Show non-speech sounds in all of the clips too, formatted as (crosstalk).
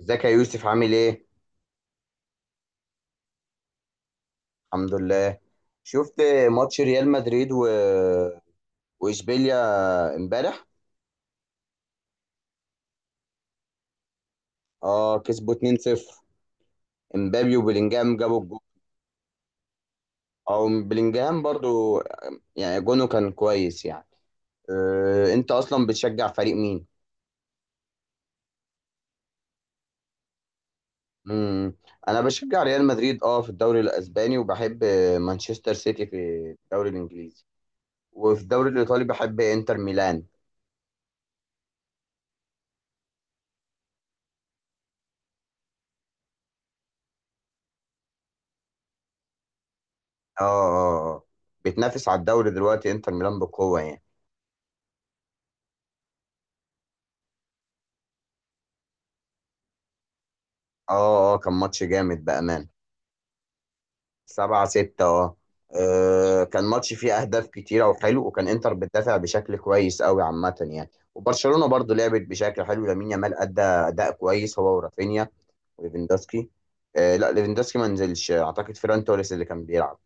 ازيك يا يوسف، عامل ايه؟ الحمد لله. شفت ماتش ريال مدريد واشبيليا امبارح. اه، كسبوا 2-0. امبابي وبلينجهام جابوا الجول. او بلينجهام برضو، يعني جونه كان كويس يعني. انت اصلا بتشجع فريق مين؟ مم. انا بشجع ريال مدريد في الدوري الاسباني، وبحب مانشستر سيتي في الدوري الانجليزي. وفي الدوري الايطالي بحب انتر ميلان. اه، اه، اه، بتنافس على الدوري دلوقتي انتر ميلان بقوة يعني. اه، اه، كان ماتش جامد بأمان. سبعة ستة، اه. كان ماتش فيه أهداف كتيرة وحلو، وكان إنتر بتدافع بشكل كويس أوي عامة يعني، وبرشلونة برضو لعبت بشكل حلو. لامين يامال أدى أداء كويس، هو ورافينيا وليفاندوسكي. لا، ليفاندوسكي ما نزلش أعتقد. فيران توريس اللي كان بيلعب.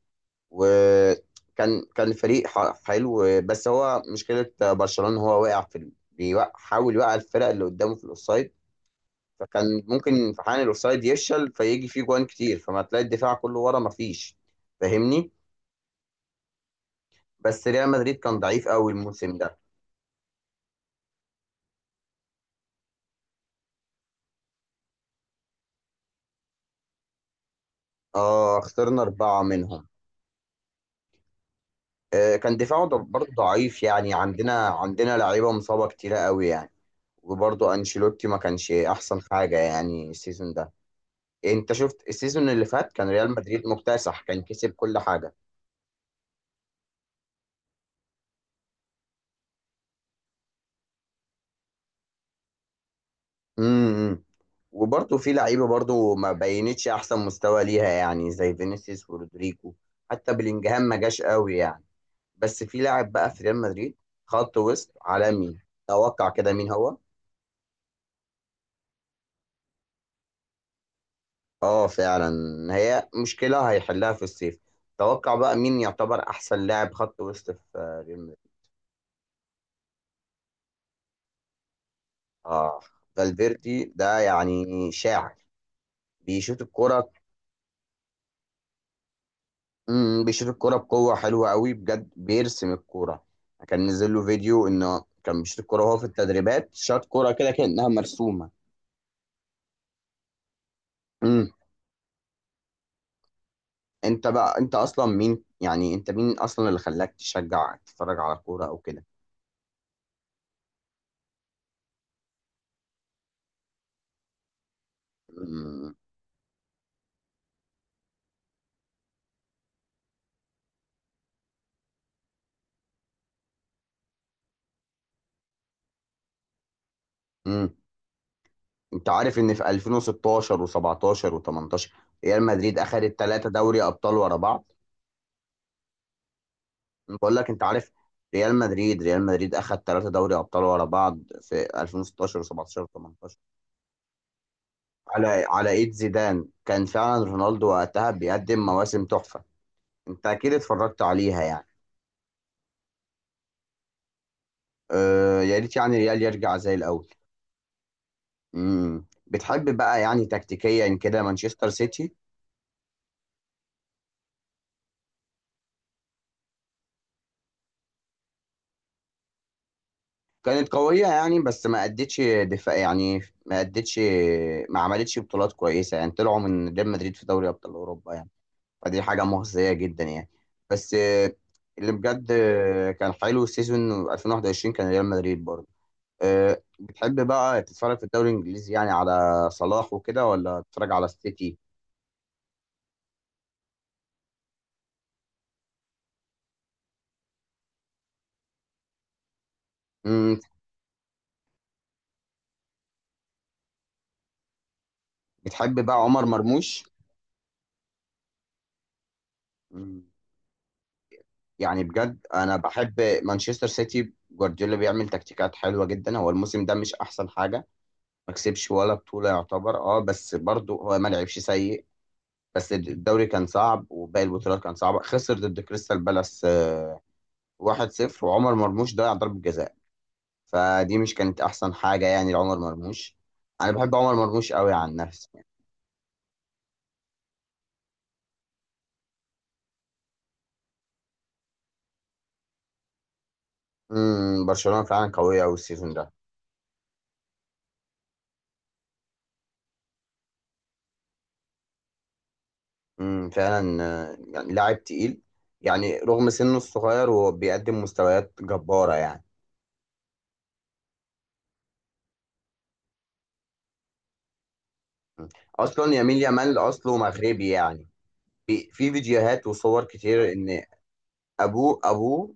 وكان فريق حلو. بس هو مشكلة برشلونة، هو واقع في حاول يوقع الفرق اللي قدامه في الأوفسايد. فكان ممكن في حال الاوفسايد يفشل فيجي فيه جوان كتير، فما تلاقي الدفاع كله ورا، ما فيش. فاهمني؟ بس ريال مدريد كان ضعيف قوي الموسم ده. اه، خسرنا أربعة منهم. كان دفاعه برضه ضعيف يعني. عندنا لعيبة مصابة كتيرة قوي يعني. وبرضه أنشيلوتي ما كانش أحسن حاجة يعني السيزون ده. إيه، أنت شفت؟ السيزون اللي فات كان ريال مدريد مكتسح، كان كسب كل حاجة. امم. امم. وبرضه في لعيبه برضه ما بينتش احسن مستوى ليها، يعني زي فينيسيوس ورودريجو. حتى بلينجهام ما جاش قوي يعني. بس في لاعب بقى في ريال مدريد خط وسط عالمي. توقع كده مين هو. اه، فعلا. هي مشكله هيحلها في الصيف. توقع بقى مين يعتبر احسن لاعب خط وسط في ريال مدريد. اه، فالفيردي ده يعني شاعر، بيشوط الكرة. بيشوط الكوره بقوه، حلوه قوي بجد، بيرسم الكوره. كان نزل له فيديو انه كان بيشوط الكوره وهو في التدريبات، شاط كوره كده كانها مرسومه. امم. انت بقى انت اصلا مين يعني، انت مين اصلا اللي خلاك تشجع تتفرج على كوره او كده. امم. امم. انت عارف ان في 2016 و17 و18 ريال مدريد اخذت ثلاثه دوري ابطال ورا بعض. بقول لك، انت عارف، ريال مدريد، اخذ ثلاثه دوري ابطال ورا بعض في 2016 و17 و18، على ايد زيدان. كان فعلا رونالدو وقتها بيقدم مواسم تحفة. انت اكيد اتفرجت عليها يعني. أه، يا ريت يعني ريال يرجع زي الاول. امم، بتحب بقى يعني تكتيكيا كده مانشستر سيتي؟ كانت قوية يعني، بس ما ادتش دفاع يعني. ما ادتش ما عملتش بطولات كويسة يعني. طلعوا من ريال مدريد في دوري ابطال اوروبا يعني. فدي حاجة مخزية جدا يعني. بس اللي بجد كان حلو السيزون 2021، كان ريال مدريد برضه. أه، بتحب بقى تتفرج في الدوري الانجليزي يعني على صلاح وكده، ولا تتفرج على السيتي؟ مم. بتحب بقى عمر مرموش؟ مم. يعني بجد انا بحب مانشستر سيتي، جوارديولا بيعمل تكتيكات حلوه جدا. هو الموسم ده مش احسن حاجه، ما كسبش ولا بطوله يعتبر، بس برضه هو ما لعبش سيء. بس الدوري كان صعب وباقي البطولات كان صعبه، خسر ضد كريستال بالاس 1-0 وعمر مرموش ضيع ضربه جزاء. فدي مش كانت احسن حاجه يعني لعمر مرموش. انا بحب عمر مرموش قوي عن نفسي يعني. امم، برشلونه فعلا قويه قوي السيزون ده. امم، فعلا. يعني لاعب تقيل، يعني رغم سنه الصغير هو بيقدم مستويات جباره يعني. اصلا يمين يامال اصله مغربي يعني. في فيديوهات وصور كتير ان ابوه ابوه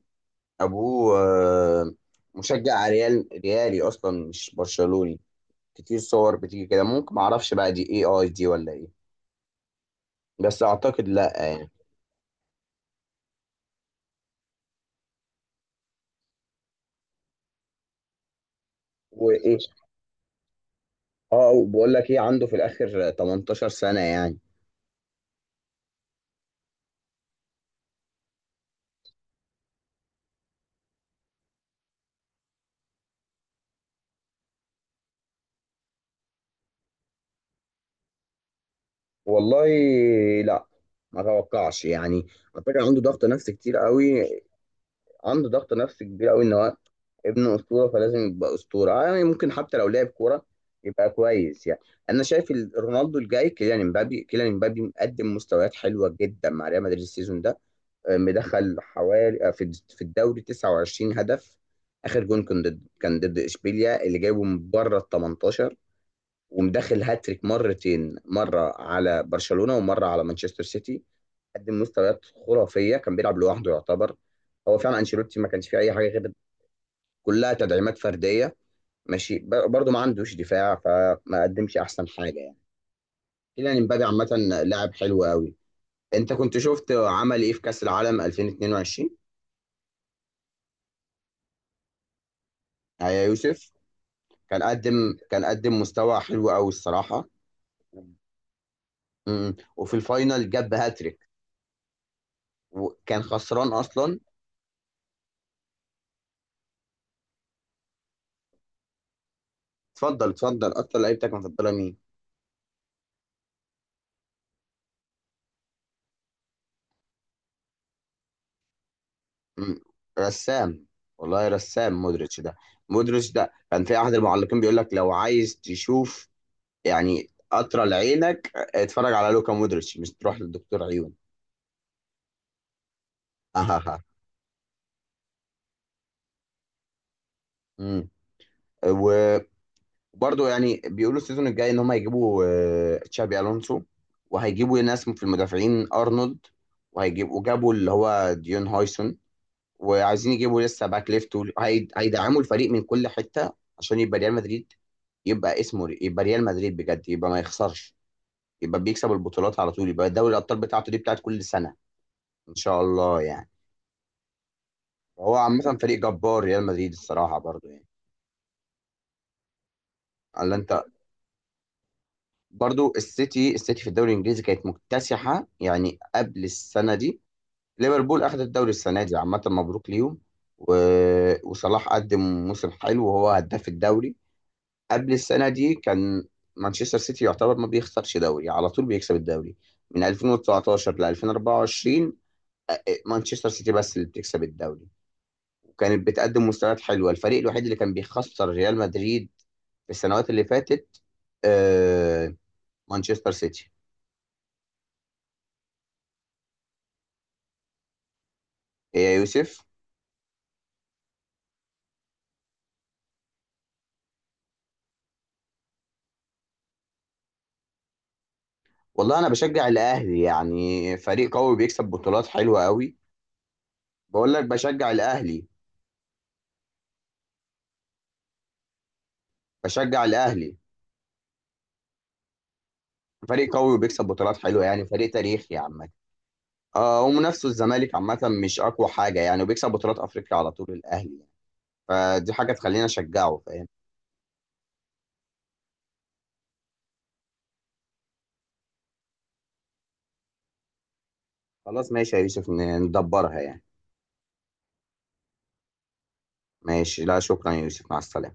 ابوه مشجع ريالي اصلا، مش برشلوني. كتير صور بتيجي كده، ممكن معرفش بقى دي اي اي دي ولا ايه. بس اعتقد لا يعني. وايه، اه وبقول لك ايه، عنده في الاخر 18 سنه يعني. والله، لا، ما اتوقعش يعني. على فكره عنده ضغط نفسي كتير قوي. عنده ضغط نفسي كبير قوي ان هو ابن اسطوره، فلازم يبقى اسطوره. يعني ممكن حتى لو لعب كوره يبقى كويس يعني. انا شايف رونالدو الجاي كيليان امبابي مقدم مستويات حلوه جدا مع ريال مدريد السيزون ده. مدخل حوالي في الدوري 29 هدف. اخر جون كان ضد اشبيليا اللي جايبه من بره ال 18. ومدخل هاتريك مرتين، مره على برشلونه ومره على مانشستر سيتي. قدم مستويات خرافيه، كان بيلعب لوحده يعتبر. هو فعلا انشيلوتي ما كانش فيه اي حاجه غير، كلها تدعيمات فرديه. ماشي، برضه ما عندوش دفاع فما قدمش احسن حاجه يعني. كيليان امبابي عامه لاعب حلو قوي. انت كنت شفت عمل ايه في كاس العالم 2022 يا يوسف؟ كان قدم مستوى حلو قوي الصراحه. امم. وفي الفاينل جاب هاتريك وكان خسران اصلا. اتفضل، اتفضل، اكتر لعيبتك مفضله مين؟ مم. رسام. والله رسام مودريتش ده. مودريتش ده كان في احد المعلقين بيقول لك لو عايز تشوف يعني قطره لعينك، اتفرج على لوكا مودريتش، مش تروح للدكتور عيون. (laughs) اهاها. مم. وبرضه يعني بيقولوا السيزون الجاي ان هم هيجيبوا تشابي الونسو، وهيجيبوا ناس في المدافعين، ارنولد، وجابوا اللي هو ديون هويسون، وعايزين يجيبوا لسه باك ليفت، هيدعموا الفريق من كل حته عشان يبقى ريال مدريد، يبقى اسمه يبقى ريال مدريد بجد، يبقى ما يخسرش، يبقى بيكسب البطولات على طول، يبقى دوري الابطال بتاعته دي بتاعت كل سنه ان شاء الله يعني. هو عامه فريق جبار ريال مدريد الصراحه برضو يعني. الا انت، برضو السيتي، في الدوري الانجليزي كانت مكتسحه يعني قبل السنه دي. ليفربول اخذ الدوري السنه دي، عامه مبروك ليهم. و... وصلاح قدم موسم حلو وهو هداف الدوري. قبل السنة دي كان مانشستر سيتي يعتبر ما بيخسرش دوري، على طول بيكسب الدوري من 2019 ل 2024. مانشستر سيتي بس اللي بتكسب الدوري، وكانت بتقدم مستويات حلوة. الفريق الوحيد اللي كان بيخسر ريال مدريد في السنوات اللي فاتت آه، مانشستر سيتي. إيه يا يوسف؟ والله انا بشجع الاهلي يعني، فريق قوي بيكسب بطولات حلوة قوي. بقول لك بشجع الاهلي، بشجع الاهلي. فريق قوي وبيكسب بطولات حلوة يعني، فريق تاريخي عامة. ومنافسه الزمالك عامة مش أقوى حاجة يعني، وبيكسب بطولات أفريقيا على طول الأهلي يعني. فدي حاجة تخلينا أشجعه، فاهم. خلاص ماشي يا يوسف، ندبرها يعني. ماشي، لا شكرا يا يوسف، مع السلامة.